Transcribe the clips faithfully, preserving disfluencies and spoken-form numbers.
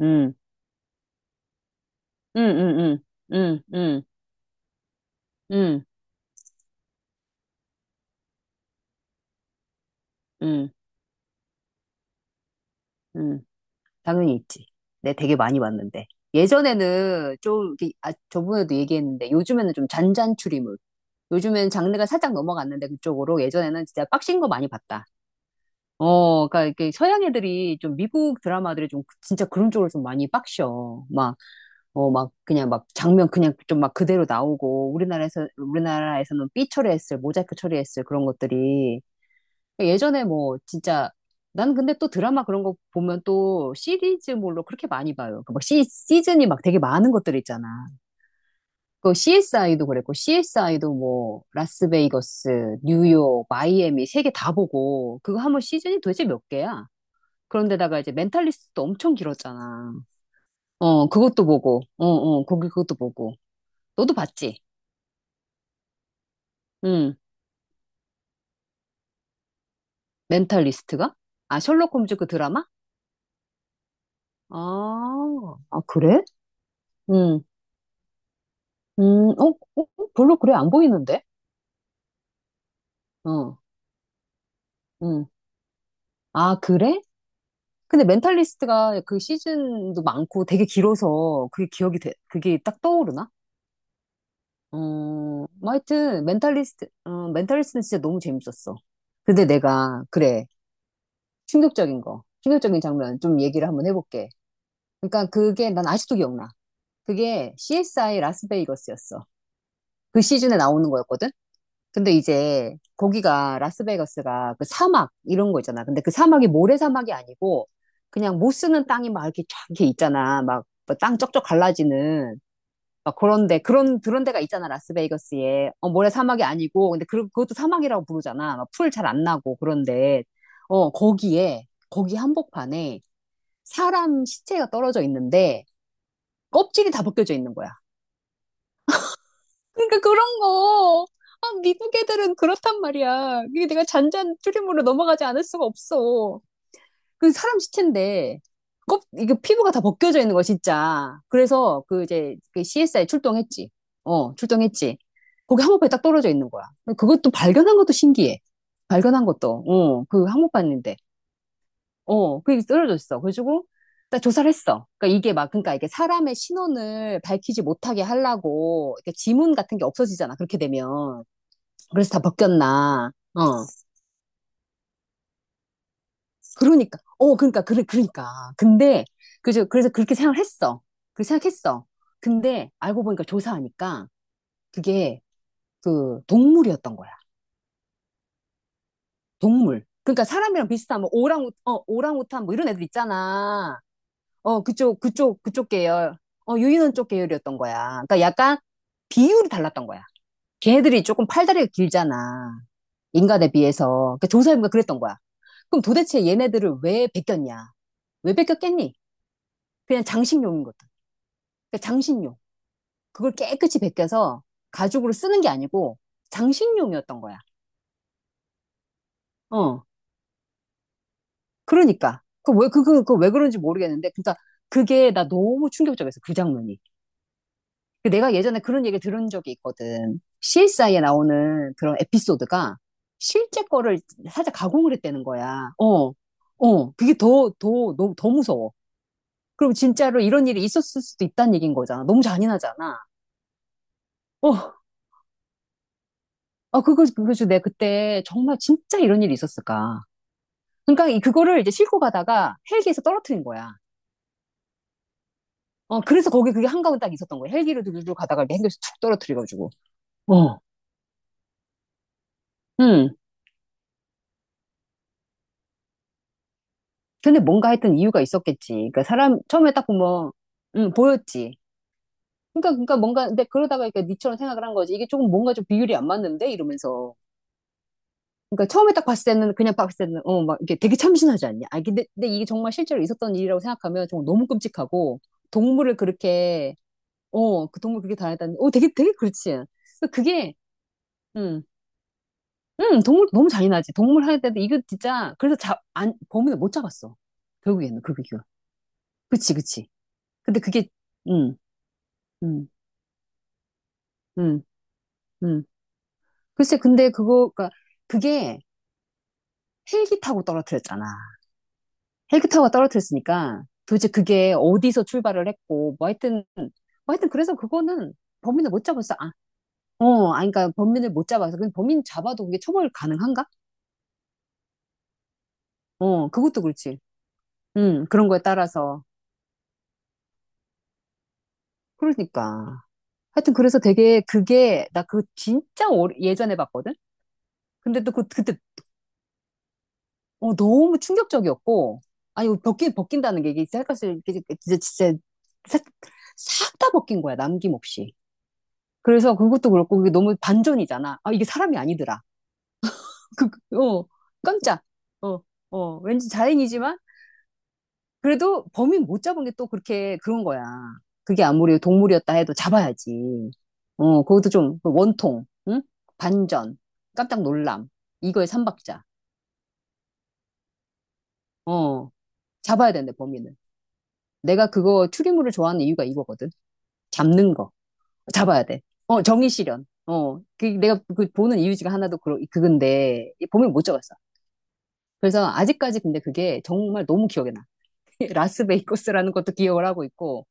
음, 음, 음, 음, 음, 음, 음, 음, 음. 당연히 있지. 내 되게 많이 봤는데. 예전에는 좀, 이렇게, 아, 저번에도 얘기했는데, 요즘에는 좀 잔잔 추리물. 요즘엔 장르가 살짝 넘어갔는데, 그쪽으로. 예전에는 진짜 빡신 거 많이 봤다. 어, 그러니까 이렇게 서양 애들이 좀 미국 드라마들이 좀 그- 진짜 그런 쪽으로 좀 많이 빡셔. 막, 어, 막 그냥 막 장면 그냥 좀 막 그대로 나오고, 우리나라에서, 우리나라에서는 삐 처리했을, 모자이크 처리했을 그런 것들이 그러니까 예전에 뭐 진짜 난 근데 또 드라마 그런 거 보면 또 시리즈물로 그렇게 많이 봐요. 그막 시, 시즌이 막 되게 많은 것들 있잖아. 그 씨에스아이도 그랬고 씨에스아이도 뭐 라스베이거스, 뉴욕, 마이애미 세 개 다 보고 그거 하면 시즌이 도대체 몇 개야? 그런데다가 이제 멘탈리스트도 엄청 길었잖아. 어, 그것도 보고. 어, 어, 거기 그것도 보고. 너도 봤지? 응. 멘탈리스트가? 아, 셜록 홈즈 그 드라마? 아, 아, 그래? 응. 음, 어, 어, 어? 별로 그래, 안 보이는데? 어, 음. 아, 그래? 근데 멘탈리스트가 그 시즌도 많고 되게 길어서 그게 기억이 돼, 그게 딱 떠오르나? 어, 뭐 하여튼, 멘탈리스트, 어, 멘탈리스트는 진짜 너무 재밌었어. 근데 내가, 그래, 충격적인 거, 충격적인 장면 좀 얘기를 한번 해볼게. 그러니까 그게 난 아직도 기억나. 그게 씨에스아이 라스베이거스였어. 그 시즌에 나오는 거였거든? 근데 이제 거기가 라스베가스가 그 사막 이런 거 있잖아. 근데 그 사막이 모래사막이 아니고 그냥 못 쓰는 땅이 막 이렇게 쫙 이렇게 있잖아. 막 뭐 땅 쩍쩍 갈라지는 막 그런데 그런 그런 데가 있잖아. 라스베이거스에 어, 모래사막이 아니고 근데 그, 그것도 사막이라고 부르잖아. 막 풀 잘 안 나고 그런데 어 거기에 거기 한복판에 사람 시체가 떨어져 있는데 껍질이 다 벗겨져 있는 거야. 그러니까 그런 거. 아, 미국 애들은 그렇단 말이야. 이게 내가 잔잔 추리물로 넘어가지 않을 수가 없어. 그 사람 시체인데, 껍, 이게 피부가 다 벗겨져 있는 거, 진짜. 그래서 그 이제 그 씨에스아이 출동했지. 어, 출동했지. 거기 항모판이 딱 떨어져 있는 거야. 그것도 발견한 것도 신기해. 발견한 것도. 어, 그 항모판인데. 어, 그게 쓰러졌어. 그래가지고, 나 조사를 했어. 그러니까 이게 막, 그러니까 이게 사람의 신원을 밝히지 못하게 하려고, 이렇게 지문 같은 게 없어지잖아. 그렇게 되면. 그래서 다 벗겼나. 어. 그러니까, 어, 그러니까, 그래, 그러니까. 근데, 그래서, 그래서 그렇게 생각을 했어. 그렇게 생각했어. 근데, 알고 보니까 조사하니까, 그게, 그, 동물이었던 거야. 동물. 그러니까 사람이랑 비슷한, 뭐, 오랑우, 어, 오랑우탄, 뭐, 이런 애들 있잖아. 어, 그쪽, 그쪽, 그쪽 계열. 어, 유인원 쪽 계열이었던 거야. 그러니까 약간 비율이 달랐던 거야. 걔네들이 조금 팔다리가 길잖아. 인간에 비해서. 그 조사해보니까 그랬던 거야. 그럼 도대체 얘네들을 왜 베꼈냐? 왜 베꼈겠니? 그냥 장식용인 거다. 그러니까 장식용. 그걸 깨끗이 베껴서 가죽으로 쓰는 게 아니고 장식용이었던 거야. 어. 그러니까. 그 왜, 그, 그, 그 왜 그런지 모르겠는데. 그러니까 그게 나 너무 충격적이었어. 그 장면이. 그 내가 예전에 그런 얘기 들은 적이 있거든. 씨에스아이에 나오는 그런 에피소드가 실제 거를 살짝 가공을 했다는 거야. 어, 어, 그게 더, 더, 너무, 더 무서워. 그럼 진짜로 이런 일이 있었을 수도 있다는 얘기인 거잖아. 너무 잔인하잖아. 어, 아, 그거, 그거 내가 그때 정말 진짜 이런 일이 있었을까. 그러니까 이- 그거를 이제 싣고 가다가 헬기에서 떨어뜨린 거야. 어, 그래서 거기 그게 한가운데 딱 있었던 거야. 헬기로 들고 가다가 이렇게 헬기에서 툭 떨어뜨려가지고. 어, 응. 근데 뭔가 했던 이유가 있었겠지. 그러니까 사람 처음에 딱 보면 응, 보였지. 그러니까 그러니까 뭔가 근데 그러다가 그러니까 니처럼 생각을 한 거지. 이게 조금 뭔가 좀 비율이 안 맞는데 이러면서. 그러니까 처음에 딱 봤을 때는 그냥 봤을 때는 어 막 이게 되게 참신하지 않냐. 아 근데, 근데 이게 정말 실제로 있었던 일이라고 생각하면 정말 너무 끔찍하고 동물을 그렇게 어 그 동물 그렇게 다녔다는 어 되게 되게 그렇지. 그러니까 그게 음. 음, 동물 너무 잔인하지. 동물 할 때도 이거 진짜 그래서 자, 안, 범인을 못 잡았어. 결국에는 그게. 그치, 그치. 근데 그게 음. 음, 음, 음. 글쎄, 근데 그거, 그 그게 헬기 타고 떨어뜨렸잖아. 헬기 타고 떨어뜨렸으니까 도대체 그게 어디서 출발을 했고, 뭐 하여튼, 뭐 하여튼 그래서 그거는 범인을 못 잡았어. 아, 어, 아니, 그러니까 범인을 못 잡아서. 근데 범인 잡아도 그게 처벌 가능한가? 어, 그것도 그렇지. 음, 그런 거에 따라서. 그러니까. 하여튼 그래서 되게 그게, 나 그거 진짜 오래- 예전에 봤거든? 근데 또 그, 그때 어, 너무 충격적이었고, 아니, 벗긴, 벗긴다는 게 이게 쌀값을, 이게 진짜, 진짜, 싹 다 벗긴 거야, 남김없이. 그래서 그것도 그렇고, 그게 너무 반전이잖아. 아, 이게 사람이 아니더라. 그, 그, 어, 깜짝. 어, 어, 왠지 다행이지만, 그래도 범인 못 잡은 게 또 그렇게 그런 거야. 그게 아무리 동물이었다 해도 잡아야지. 어, 그것도 좀 원통, 응? 반전, 깜짝 놀람, 이거의 삼박자. 어, 잡아야 된대, 범인을. 내가 그거 추리물을 좋아하는 이유가 이거거든. 잡는 거. 잡아야 돼. 어, 정의 실현. 어, 그 내가 그 보는 이유 중에 하나도 그, 그건데, 보면 못 잡았어. 그래서 아직까지 근데 그게 정말 너무 기억에 나. 라스베이거스라는 것도 기억을 하고 있고,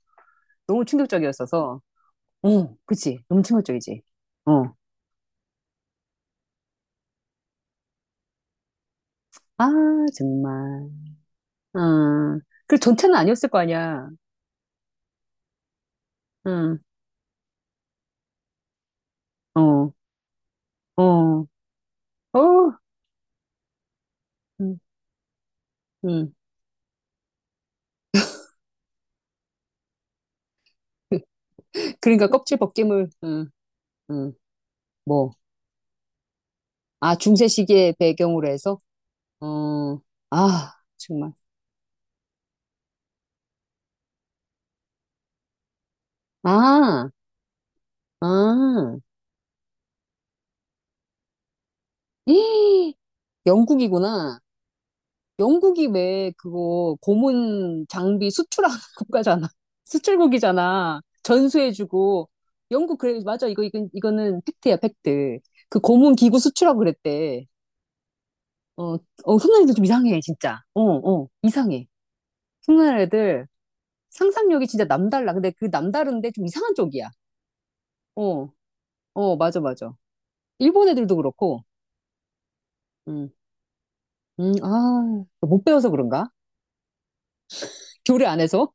너무 충격적이었어서, 어, 그치. 너무 충격적이지. 어, 아, 정말. 어, 그 전체는 아니었을 거 아니야. 응, 어, 어, 어, 응, 응. 그러니까 껍질 벗김을, 응, 응, 뭐. 아, 중세 시기의 배경으로 해서? 어, 아, 정말. 아, 아, 이 영국이구나. 영국이 왜 그거 고문 장비 수출하는 국가잖아. 수출국이잖아. 전수해주고. 영국, 그래, 맞아. 이거, 이건, 이거는 팩트야, 팩트. 그 고문 기구 수출하고 그랬대. 어, 어, 흉내내도 좀 이상해, 진짜. 어, 어, 이상해. 흉내내들 상상력이 진짜 남달라. 근데 그 남다른데 좀 이상한 쪽이야. 어. 어, 맞아, 맞아. 일본 애들도 그렇고, 음, 음, 아, 못 배워서 그런가? 교류 안 해서?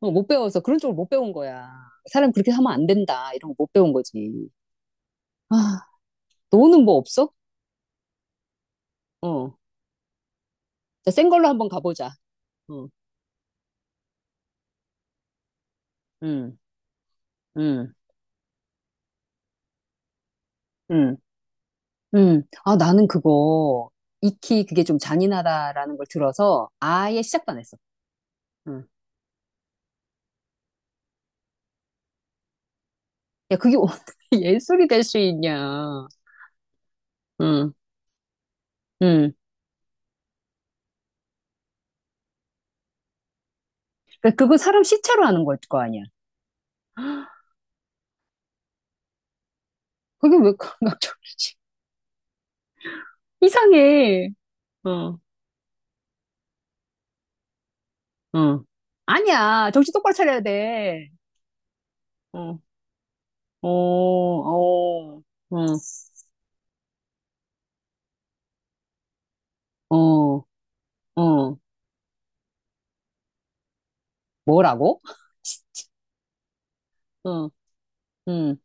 어, 못 배워서 그런 쪽을 못 배운 거야. 사람 그렇게 하면 안 된다. 이런 거 못 배운 거지. 아, 너는 뭐 없어? 어, 자, 센 걸로 한번 가보자. 어, 음, 음, 음, 음. 아, 나는 그거 익히 그게 좀 잔인하다라는 걸 들어서 아예 시작도 안 했어. 음. 야, 그게 어떻게 예술이 될 수 있냐? 응, 응. 그 그거 사람 시체로 하는 걸 거 아니야? 그게 왜 감각적이지? 이상해. 어, 어, 아니야. 정신 똑바로 차려야 돼. 어, 어, 어, 어, 어, 어. 뭐라고? 어, 응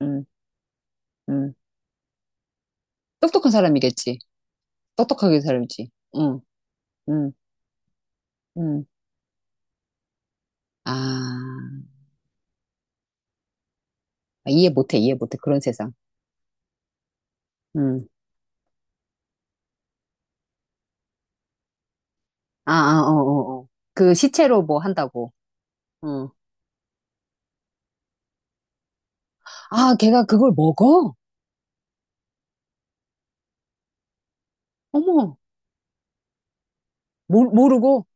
응 응 똑똑한 사람이겠지. 똑똑하게 살지. 응, 응, 응. 아, 이해 못해, 이해 못해. 그런 세상. 응. 아, 아, 어, 어, 어. 그 시체로 뭐 한다고. 응. 아, 걔가 그걸 먹어? 어머, 모, 모르고.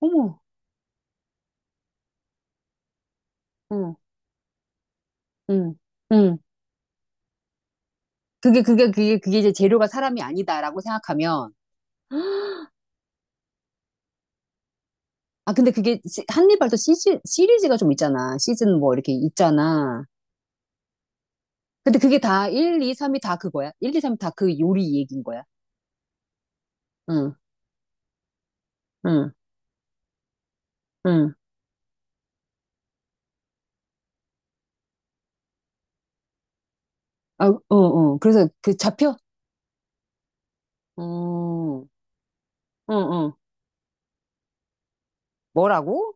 어머, 응, 응, 응. 그게, 그게, 그게, 그게 이제 재료가 사람이 아니다라고 생각하면, 아, 근데 그게 시- 한니발도 시즌 시리즈가 좀 있잖아. 시즌 뭐 이렇게 있잖아. 근데 그게 다 일, 이, 삼이 다 그거야. 일, 이, 삼이 다 그 요리 얘기인 거야. 응, 응, 응. 아, 어, 어. 그래서 그 잡혀? 어, 응, 응. 뭐라고?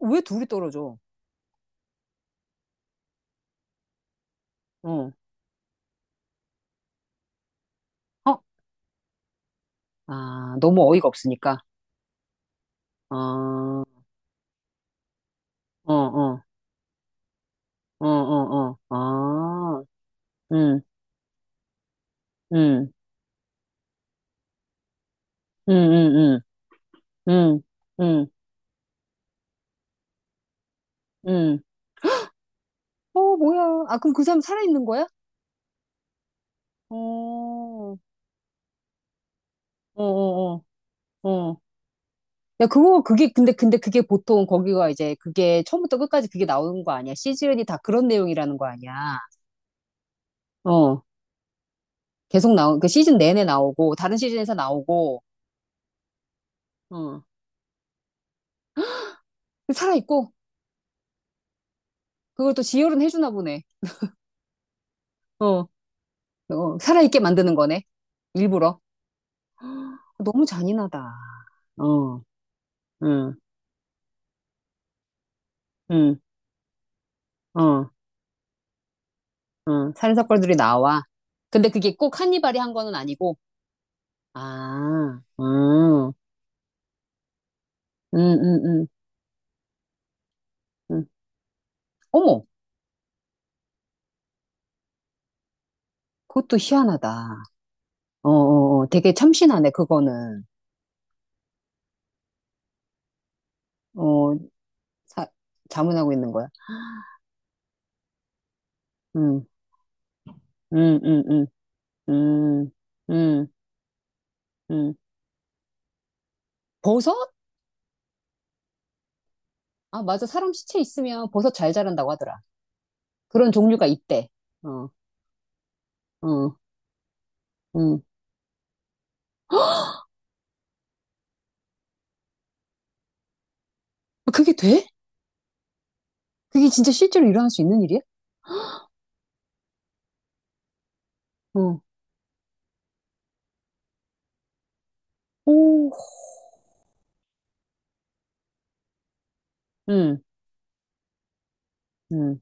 왜 둘이 떨어져? 어, 어? 아, 너무 어이가 없으니까. 어, 어, 어, 어, 어, 어. 아, 응, 응, 응, 응, 응, 응, 응. 응. 어, 뭐야. 아, 그럼 그 사람 살아있는 거야? 어, 어, 어, 어. 어. 야, 그거, 그게, 근데, 근데 그게 보통 거기가 이제 그게 처음부터 끝까지 그게 나오는 거 아니야. 시즌이 다 그런 내용이라는 거 아니야. 어. 계속 나오, 그 시즌 내내 나오고, 다른 시즌에서 나오고, 어. 살아있고, 그걸 또 지혈은 해주나 보네. 어. 어, 살아있게 만드는 거네. 일부러. 너무 잔인하다. 어, 응, 응, 어. 응, 살인사건들이 나와. 근데 그게 꼭 한니발이 한 거는 아니고, 아, 음, 음, 음, 음, 음. 어머, 그것도 희한하다. 어, 어, 어, 되게 참신하네, 그거는. 어, 사, 자문하고 있는 거야. 음, 음, 음, 음, 음, 음, 음. 버섯? 아, 맞아. 사람 시체 있으면 버섯 잘 자란다고 하더라. 그런 종류가 있대. 어, 어, 음. 아, 그게 돼? 그게 진짜 실제로 일어날 수 있는 일이야? 어, 오, 음, 음.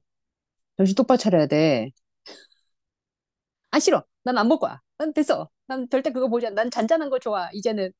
정신 똑바로 차려야 돼. 안 싫어. 난 안 볼 거야. 난 됐어. 난 절대 그거 보지 않아. 난 잔잔한 거 좋아. 이제는.